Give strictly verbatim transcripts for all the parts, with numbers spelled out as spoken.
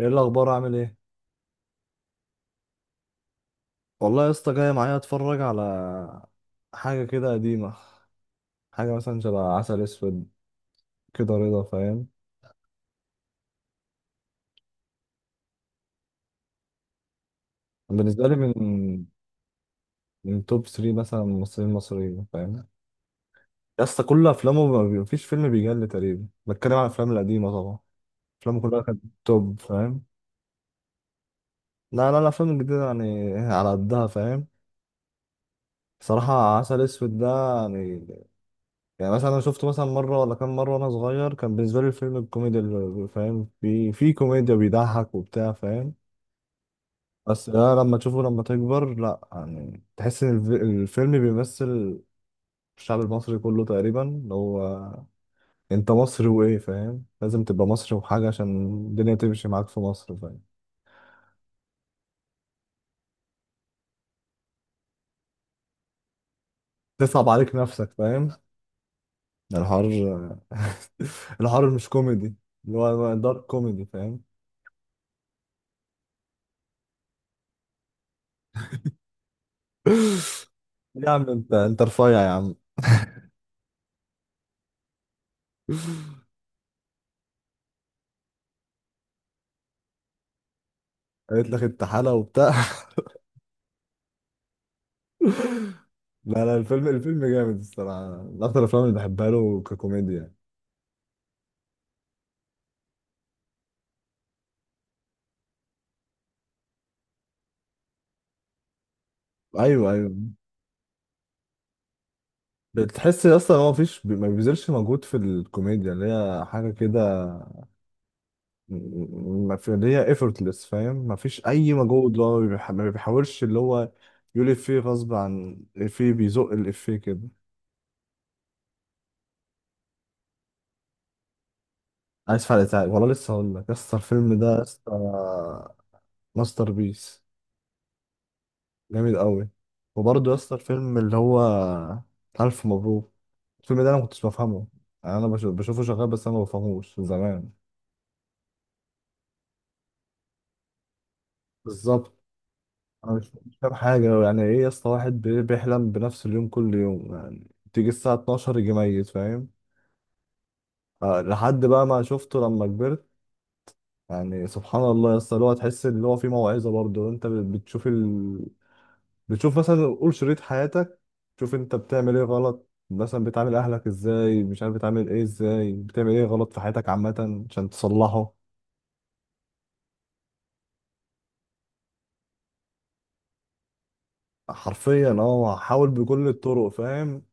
ايه الاخبار؟ عامل ايه؟ والله يا اسطى جاي معايا اتفرج على حاجه كده قديمه، حاجه مثلا شبه عسل اسود كده، رضا فاهم؟ بالنسبه لي من من توب ثلاثة مثلا ممثلين مصريين فاهم؟ يا اسطى كل افلامه ما بي- مفيش فيلم بيجل تقريبا، بتكلم على الافلام القديمه طبعا، افلامه كلها كانت توب فاهم؟ لا لا، الافلام الجديده يعني على قدها فاهم؟ بصراحه عسل اسود ده يعني، يعني مثلا انا شفته مثلا مره ولا كام مره وانا صغير، كان بالنسبه لي الفيلم الكوميدي اللي- فاهم؟ في في كوميديا بيضحك وبتاع فاهم؟ بس ده لما تشوفه لما تكبر لا يعني، تحس ان الف- الفيلم بيمثل الشعب المصري كله تقريبا، اللي هو انت مصري وايه فاهم؟ لازم تبقى مصري وحاجه عشان الدنيا تمشي معاك في مصر فاهم؟ تصعب عليك نفسك فاهم؟ ده الحوار. الحوار مش كوميدي، اللي هو دارك كوميدي فاهم؟ يا عم انت انت رفيع يا عم. قالت لك انت حالة وبتاع. لا لا، الفيلم الفيلم جامد الصراحة، من أكتر الأفلام اللي بحبها له ككوميديا. أيوه أيوه. بتحس أصلا هو مفيش، ما بيبذلش مجهود في الكوميديا، اللي هي حاجة كده، م- ما في اللي هي effortless فاهم؟ مفيش أي مجهود، اللي هو بيح- ما بيحاولش، اللي هو يقول إفيه غصب عن إفيه، بيزق الإفيه كده. عايز فرق تعب والله، لسه هقول لك يا اسطى الفيلم ده يا اسطى ماستر بيس، جامد قوي. وبرضه يا اسطى الفيلم اللي هو ألف مبروك، الفيلم ده أنا ما كنتش بفهمه، يعني أنا بش- بشوفه شغال بس أنا ما بفهموش من زمان. بالظبط. أنا مش مش فاهم حاجة، يعني إيه يا اسطى واحد بي- بيحلم بنفس اليوم كل يوم، يعني تيجي الساعة اتناشر يجي ميت فاهم؟ آه، لحد بقى ما شفته لما كبرت، يعني سبحان الله يا اسطى، اللي هو تحس إن هو في موعظة برضه، أنت بت- بتشوف، بتشوف مثلا قول شريط حياتك، تشوف انت بتعمل ايه غلط، مثلا بتعامل اهلك ازاي، مش عارف بتعامل ايه ازاي، بتعمل ايه غلط في حياتك عامة عشان تصلحه. حرفيا اه، حاول بكل الطرق فاهم؟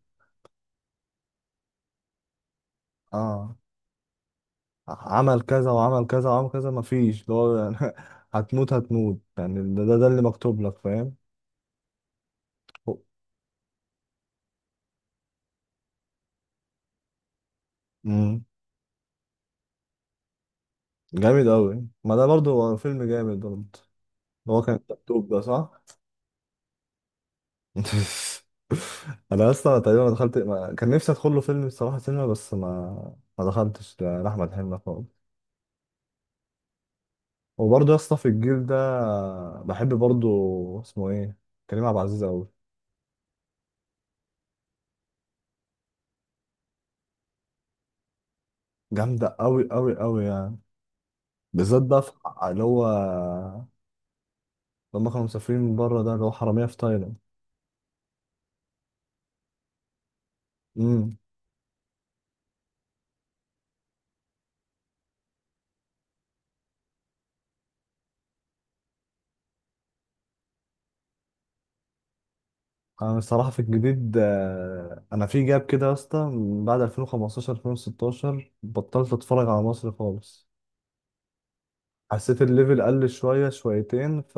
اه عمل كذا وعمل كذا وعمل كذا، مفيش اللي هو يعني. هتموت هتموت يعني، ده, ده ده اللي مكتوب لك فاهم؟ امم. جامد قوي، ما ده برضه هو فيلم جامد برضه، اللي هو كان مكتوب ده صح. انا اصلا تقريبا ما دخلت ما... كان نفسي ادخل له فيلم الصراحه سينما، بس ما ما دخلتش ل- لاحمد حلمي خالص. وبرضه يا اسطى في الجيل ده بحب برضه، اسمه ايه، كريم عبد العزيز قوي، جامده قوي قوي قوي يعني، بالذات بقى في اللي هو لما كانوا مسافرين من بره، ده اللي هو حراميه في تايلاند. امم. انا الصراحه في الجديد آه، انا في جاب كده يا اسطى من بعد ألفين وخمستاشر ألفين وستاشر بطلت اتفرج على مصر خالص، حسيت الليفل قل شوية شويتين، ف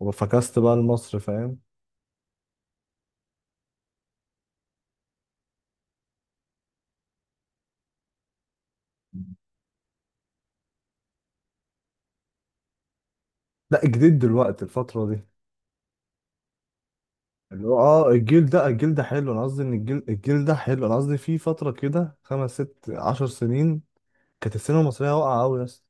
وفكست بقى لمصر فاهم؟ لا، جديد دلوقتي الفترة دي، اللي هو اه الجيل ده، الجيل ده حلو، انا قصدي ان الجيل الجيل ده حلو، انا قصدي في فترة كده خمس ست عشر سنين، كانت السينما المصرية واقعة قوي يا اسطى.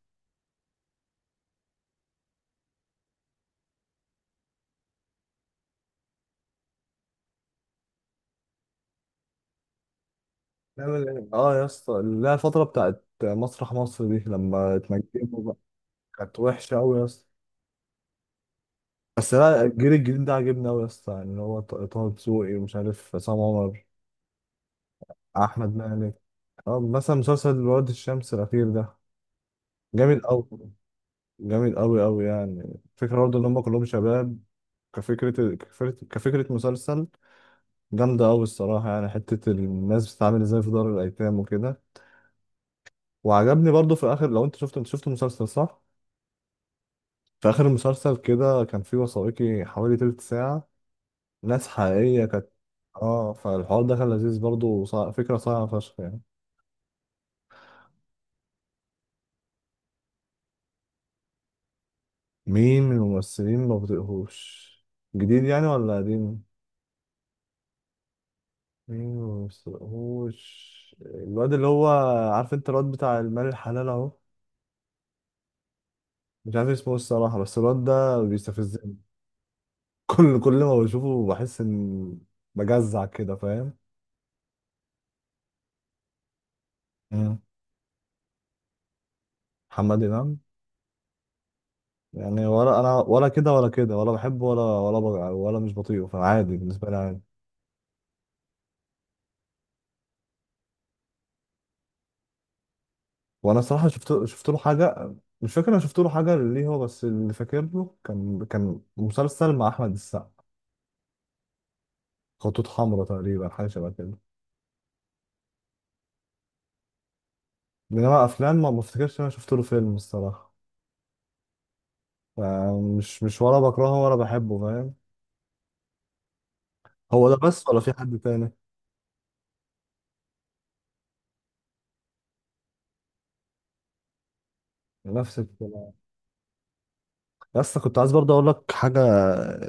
نعمل ايه؟ اه يا اسطى اللي هي الفترة بتاعت مسرح مصر دي لما اتنجموا بقى، كانت وحشة قوي يا اسطى. بس لا، الجيل الجديد ده عجبني قوي يا اسطى، يعني اللي هو ط- طه دسوقي، ومش عارف عصام عمر، احمد مالك. اه مثلا مسلسل واد الشمس الاخير ده جامد قوي، جامد قوي قوي يعني، فكره برضه ان هم كلهم شباب، كفكره كفكره كفكره مسلسل، جامده قوي الصراحه، يعني حته الناس بتتعامل ازاي في دار الايتام وكده. وعجبني برضه في اخر، لو انت شفت، انت شفت المسلسل صح؟ في اخر المسلسل كده كان في وثائقي حوالي تلت ساعه، ناس حقيقيه كانت. اه فالحوار ده كان لذيذ برضه، وصع- فكره صعبه فشخ يعني. مين من الممثلين ما بطيقهوش؟ جديد يعني ولا قديم؟ مين ما بطيقهوش؟ الواد اللي هو، عارف انت الواد بتاع المال الحلال اهو؟ مش عارف اسمه إيه الصراحة، بس الواد ده بيستفزني. كل كل ما بشوفه بحس ان، بجزع كده فاهم؟ مم. محمد إمام، يعني ولا انا، ولا كده ولا كده، ولا بحبه ولا ولا بج- ولا مش بطيقه، فعادي بالنسبة لي، عادي. وانا صراحه شفت شفت له حاجه، مش فاكر انا شفت له حاجه ليه، هو بس اللي فاكر له، كان كان مسلسل مع احمد السقا، خطوط حمراء تقريبا، حاجه شبه كده. انما افلام ما ما افتكرش إن انا شفت له فيلم الصراحه. مش مش ولا بكرهه ولا بحبه فاهم؟ هو ده بس ولا في حد تاني؟ نفس الكلام. بس كنت عايز برضه اقول لك حاجه،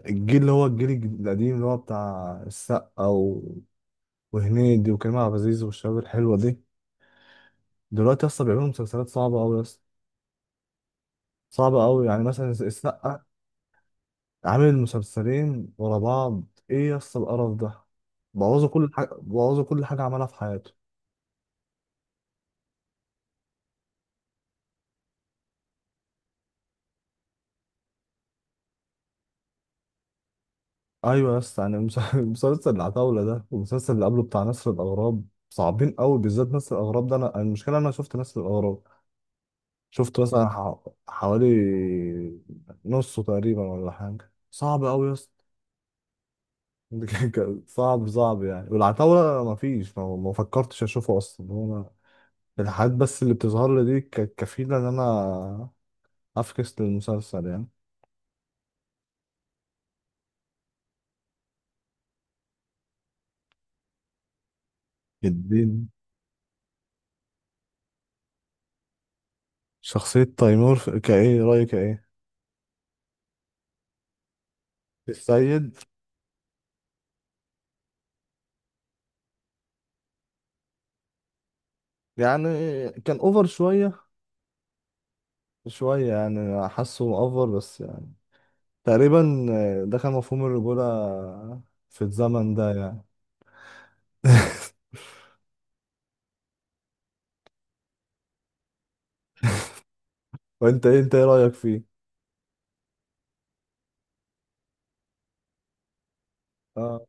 الجيل اللي هو الجيل الجد- القديم، اللي هو بتاع السقا و... وهنيدي وكريم عبد العزيز والشباب الحلوه دي، دلوقتي اصلا بيعملوا مسلسلات صعبه قوي، صعبة أوي يعني، مثلا السقا عامل مسلسلين ورا بعض، إيه يا اسطى القرف ده، بوظوا كل حاجة، بوظوا كل حاجة عملها في حياته. أيوة يا اسطى، يعني المس- مسلسل العتاولة ده والمسلسل اللي قبله بتاع نسر الأغراب، صعبين أوي، بالذات نسر الأغراب ده، أنا المشكلة أنا شفت نسر الأغراب، شفت مثلا ح- حوالي نصه تقريبا ولا حاجة، صعب أوي يا اسطى. كان- كان صعب صعب يعني، والعتاولة مفيش، ما ما فكرتش أشوفه أصلا، هو الحاجات بس اللي بتظهر لي دي كانت كفيلة إن أنا أفكس للمسلسل يعني. الدين. شخصية تيمور في- كإيه رأيك إيه؟ السيد. يعني كان أوفر شوية، شوية يعني حاسه أوفر بس يعني تقريبا، ده كان مفهوم الرجولة في الزمن ده يعني. وأنت إيه، أنت إيه رأيك فيه؟ آه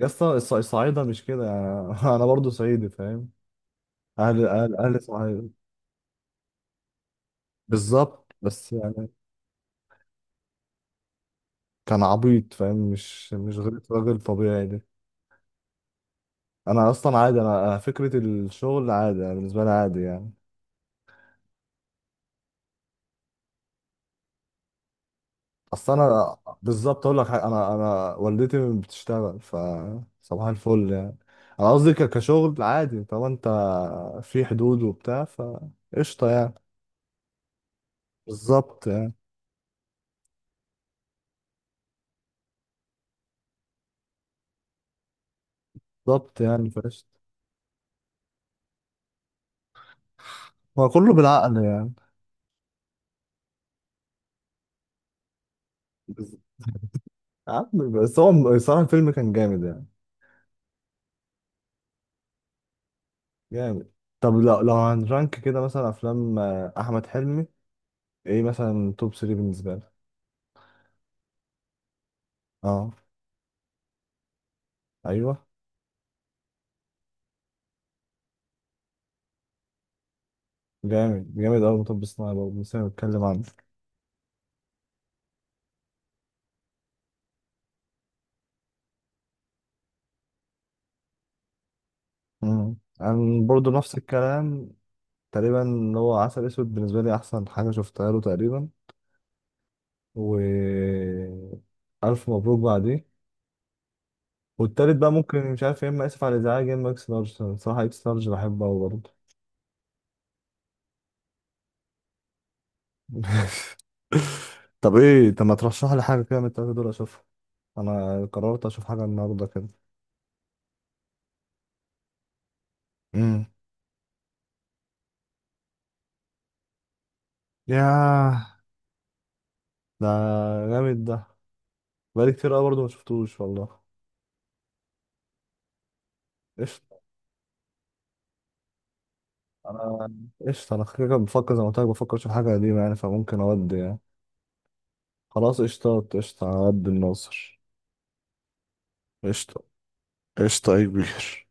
يا اسطى الص- الصعايدة مش كده يعني. أنا برضو صعيدي فاهم؟ أهل أهل أهل صعيد. بالظبط، بس يعني كان عبيط فاهم؟ مش مش غير راجل طبيعي ده. انا اصلا عادي، انا أنا فكره الشغل عادي، انا بالنسبه لي عادي يعني. اصل انا بالظبط اقول لك حاجة، انا انا والدتي بتشتغل ف صباح الفل يعني، انا قصدي ك- كشغل عادي، طب انت في حدود وبتاع فقشطه يعني. بالظبط يعني. بالظبط يعني فقشطه. هو كله بالعقل يعني. بز- عم- بس هو صراحه الفيلم كان جامد يعني، جامد. طب لو لو هنرانك كده مثلا افلام آه، احمد حلمي، ايه مثلا توب ثلاثة بالنسبه لك؟ اه ايوه، جامد جامد قوي، مطب صناعي برضه لسه بنتكلم عنه. امم. انا برضه نفس الكلام تقريبا، اللي هو عسل اسود بالنسبه لي احسن حاجه شفتها له تقريبا، و الف مبروك بعديه، والتالت بقى ممكن مش عارف، يا اما اسف على الازعاج يا اما اكس لارج، صراحه اكس لارج بحبه قوي برضه. طب ايه، طب ما ترشح لي حاجه كده من التلاته دول اشوفها، انا قررت اشوف حاجه النهارده كده. امم. ياه ده، جامد ده، بقالي كتير قوي برضه ما شفتوش والله. قشطة. انا قشطة، انا كده كده بفكر زي ما قلت لك، بفكر اشوف حاجة قديمة يعني، فممكن اودي يعني. خلاص قشطة قشطة عبد الناصر. قشطة قشطة يا كبير.